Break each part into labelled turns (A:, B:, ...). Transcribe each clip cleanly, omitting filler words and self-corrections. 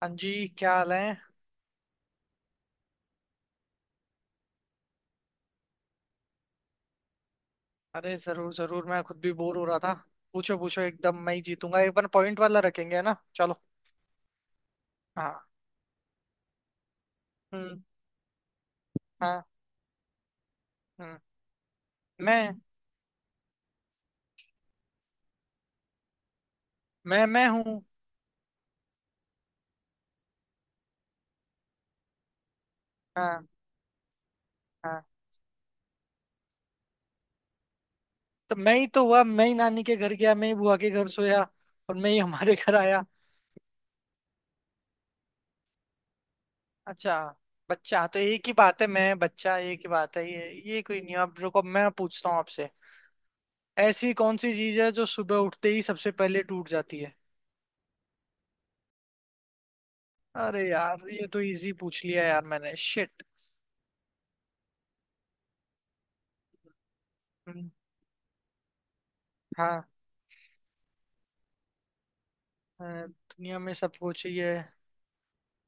A: हाँ जी क्या हाल है। अरे जरूर जरूर, मैं खुद भी बोर हो रहा था। पूछो पूछो एकदम। मैं ही जीतूंगा, एक बार पॉइंट वाला रखेंगे, है ना, चलो। हाँ। हम्म। हाँ। हम्म। मैं। मैं हूँ। हाँ। हाँ, तो मैं ही तो हुआ, मैं ही नानी के घर गया, मैं ही बुआ के घर सोया और मैं ही हमारे घर आया। अच्छा। बच्चा तो एक ही बात है, मैं बच्चा एक ही बात है। ये कोई नहीं। अब रुको, मैं पूछता हूँ आपसे। ऐसी कौन सी चीज है जो सुबह उठते ही सबसे पहले टूट जाती है? अरे यार, ये तो इजी पूछ लिया यार मैंने, शिट। हम्म, हाँ। दुनिया में सबको चाहिए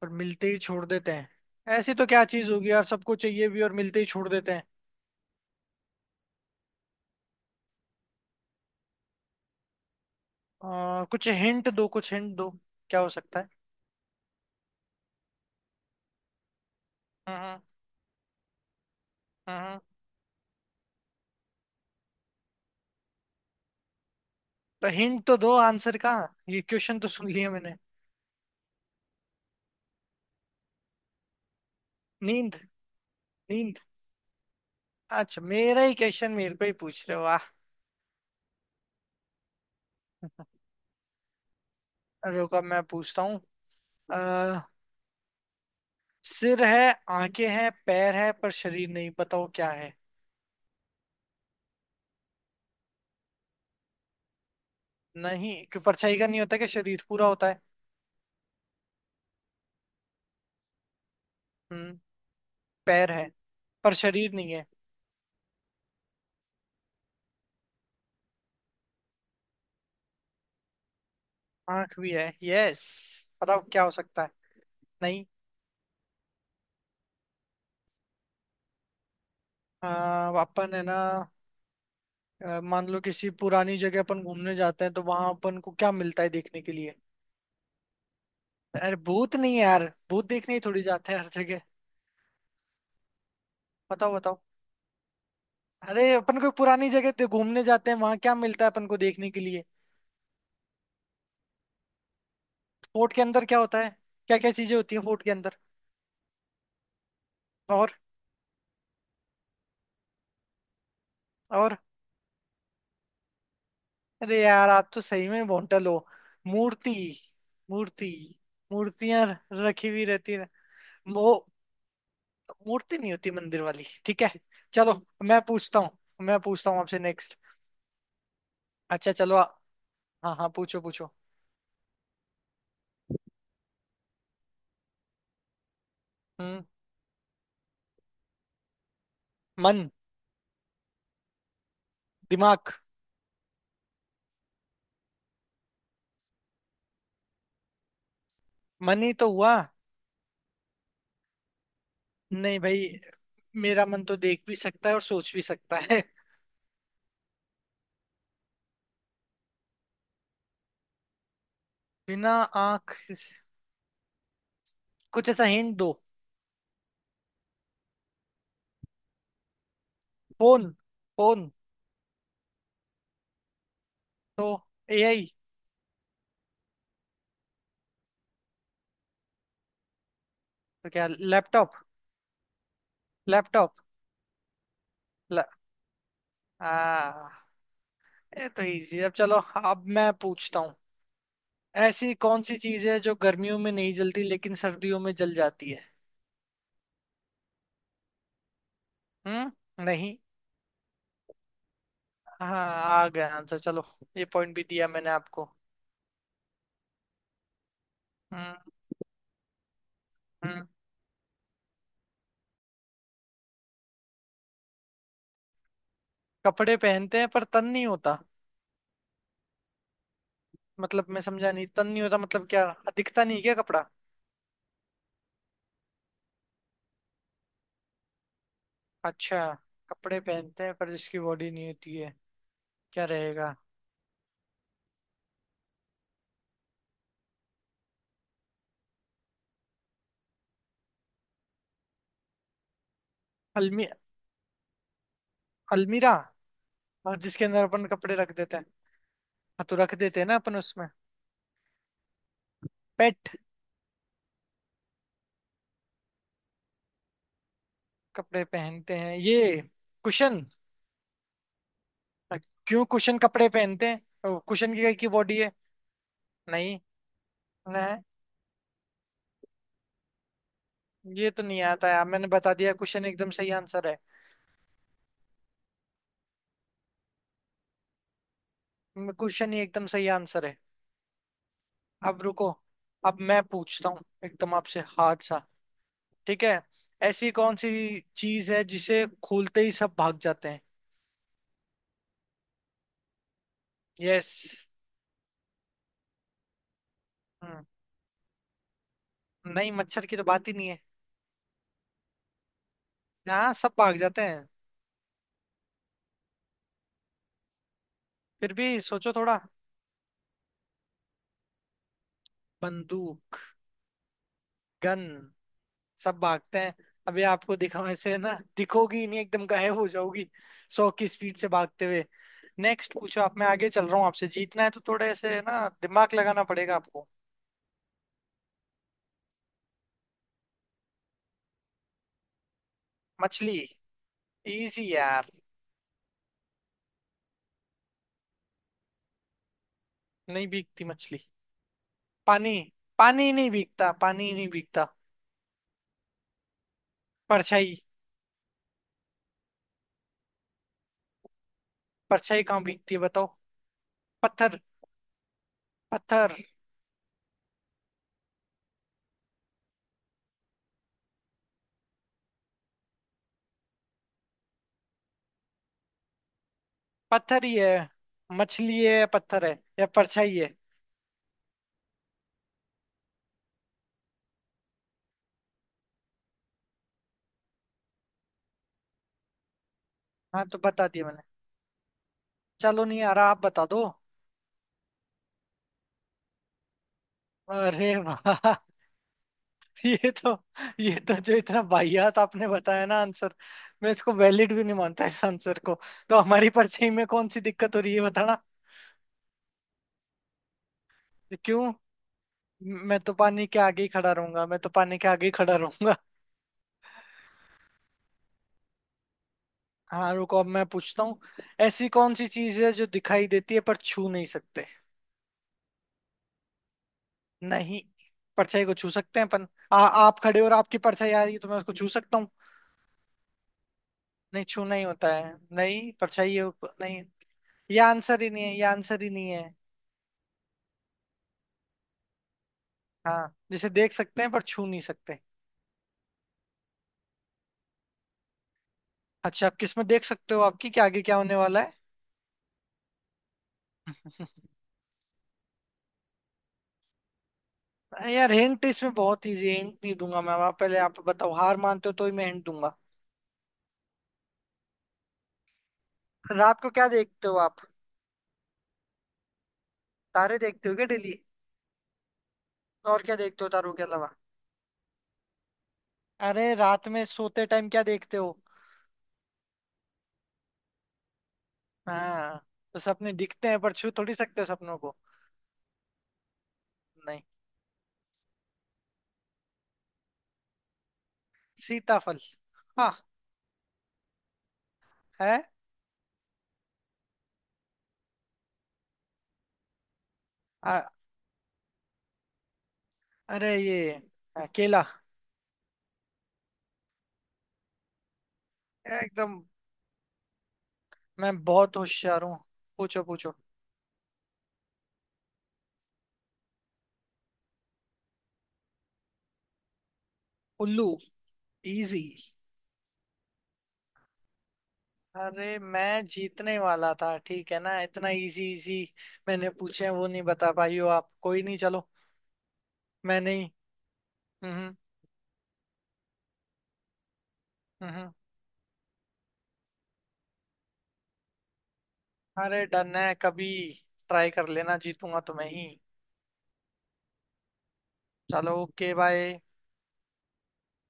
A: पर मिलते ही छोड़ देते हैं। ऐसी तो क्या चीज होगी यार, सबको चाहिए भी और मिलते ही छोड़ देते हैं। कुछ हिंट दो, कुछ हिंट दो। क्या हो सकता है? हम्म। हम्म। तो हिंट तो दो आंसर का। ये क्वेश्चन तो सुन लिया मैंने। नींद। नींद। अच्छा, मेरा ही क्वेश्चन मेरे को ही पूछ रहे हो, वाह। रुको, अब मैं पूछता हूँ। अ, सिर है, आंखें हैं, पैर है पर शरीर नहीं। बताओ क्या है? नहीं, क्यों? परछाई का नहीं होता क्या शरीर पूरा होता है? हम्म, पैर है पर शरीर नहीं है। आंख भी है, यस। बताओ क्या हो सकता है? नहीं। अपन है ना, मान लो किसी पुरानी जगह अपन घूमने जाते हैं तो वहां अपन को क्या मिलता है देखने के लिए? अरे भूत नहीं है यार, भूत देखने ही थोड़ी जाते हैं हर जगह। बताओ बताओ। अरे अपन को पुरानी जगह पे घूमने जाते हैं, वहां क्या मिलता है अपन को देखने के लिए? फोर्ट के अंदर क्या होता है? क्या क्या चीजें होती है फोर्ट के अंदर? और। और। अरे यार, आप तो सही में बोंटल हो। मूर्ति। मूर्ति। मूर्तियां रखी हुई रहती है। वो मूर्ति नहीं होती मंदिर वाली, ठीक है, चलो। मैं पूछता हूँ। मैं पूछता हूँ आपसे नेक्स्ट। अच्छा चलो। हाँ हाँ, पूछो पूछो। हम्म। मन। दिमाग। मन ही तो हुआ। नहीं भाई, मेरा मन तो देख भी सकता है और सोच भी सकता है। बिना आंख, कुछ ऐसा हिंट दो। फोन। फोन। तो एआई। तो क्या, लैपटॉप। लैपटॉप। ल, आ, ये तो इजी है, अब चलो। अब मैं पूछता हूँ। ऐसी कौन सी चीज है जो गर्मियों में नहीं जलती लेकिन सर्दियों में जल जाती है? हम्म, नहीं। हाँ, आ गया आंसर, चलो। ये पॉइंट भी दिया मैंने आपको। हम्म। हम्म। कपड़े पहनते हैं पर तन नहीं होता? मतलब मैं समझा नहीं, तन नहीं होता मतलब क्या? दिखता नहीं क्या कपड़ा? अच्छा। कपड़े पहनते हैं पर जिसकी बॉडी नहीं होती है? क्या रहेगा? अलमी अलमीरा। और जिसके अंदर अपन कपड़े रख देते हैं? हाँ, तो रख देते हैं ना अपन उसमें। पेट। कपड़े पहनते हैं ये। कुशन। क्यों कुशन कपड़े पहनते हैं। कुशन की बॉडी है। नहीं नहीं, ये तो नहीं आता यार, मैंने बता दिया कुशन एकदम सही आंसर है। कुशन ही एकदम सही आंसर है। अब रुको, अब मैं पूछता हूँ एकदम आपसे हार्ड सा। ठीक है। ऐसी कौन सी चीज है जिसे खोलते ही सब भाग जाते हैं? यस। हम्म, नहीं, मच्छर की तो बात ही नहीं है। हाँ, सब भाग जाते हैं। फिर भी सोचो थोड़ा। बंदूक। गन। सब भागते हैं। अभी आपको दिखाओ ऐसे ना, दिखोगी ही नहीं, एकदम गायब हो जाओगी 100 की स्पीड से भागते हुए। नेक्स्ट पूछो आप, मैं आगे चल रहा हूँ आपसे, जीतना है तो थोड़ा ऐसे ना दिमाग लगाना पड़ेगा आपको। मछली। इजी यार। नहीं भीगती मछली। पानी। पानी नहीं भीगता, पानी नहीं भीगता। परछाई। परछाई कहाँ भीगती है बताओ। पत्थर। पत्थर। पत्थर ही है। मछली है, पत्थर है या परछाई है? हाँ, तो बता दिया मैंने। चलो नहीं आ रहा, आप बता दो। अरे वाह। ये तो, ये तो जो इतना बाहियात आपने बताया ना आंसर, मैं इसको वैलिड भी नहीं मानता इस आंसर को। तो हमारी परछाई में कौन सी दिक्कत हो रही है बताना। तो क्यों? मैं तो पानी के आगे ही खड़ा रहूंगा, मैं तो पानी के आगे ही खड़ा रहूंगा। हाँ, रुको अब मैं पूछता हूँ। ऐसी कौन सी चीज है जो दिखाई देती है पर छू नहीं सकते? नहीं, परछाई को छू सकते हैं अपन। आप खड़े हो और आपकी परछाई आ रही है तो मैं उसको छू सकता हूँ। नहीं, छूना ही होता है। नहीं, ये आंसर ही नहीं है, ये आंसर ही नहीं है। हाँ, जिसे देख सकते हैं पर छू नहीं सकते। अच्छा, आप किसमें देख सकते हो आपकी क्या आगे क्या होने वाला है? यार हिंट इसमें बहुत इजी है, हिंट नहीं दूंगा मैं। आप पहले, आप बताओ हार मानते हो तो ही मैं हिंट दूंगा। रात को क्या देखते हो आप? तारे देखते हो क्या डेली? और क्या देखते हो तारों के अलावा? अरे रात में सोते टाइम क्या देखते हो? हाँ, तो सपने दिखते हैं पर छू थोड़ी सकते हो सपनों को। नहीं। सीताफल। हाँ। है। आ, अरे ये, केला। एकदम। मैं बहुत होशियार हूँ। पूछो पूछो। उल्लू। इजी। अरे मैं जीतने वाला था, ठीक है ना, इतना इजी इजी मैंने पूछे हैं, वो नहीं बता पाई हो आप, कोई नहीं, चलो। मैं नहीं। हम्म। हम्म। हम्म। अरे डन है, कभी ट्राई कर लेना, जीतूंगा तुम्हें ही। चलो, ओके, बाय।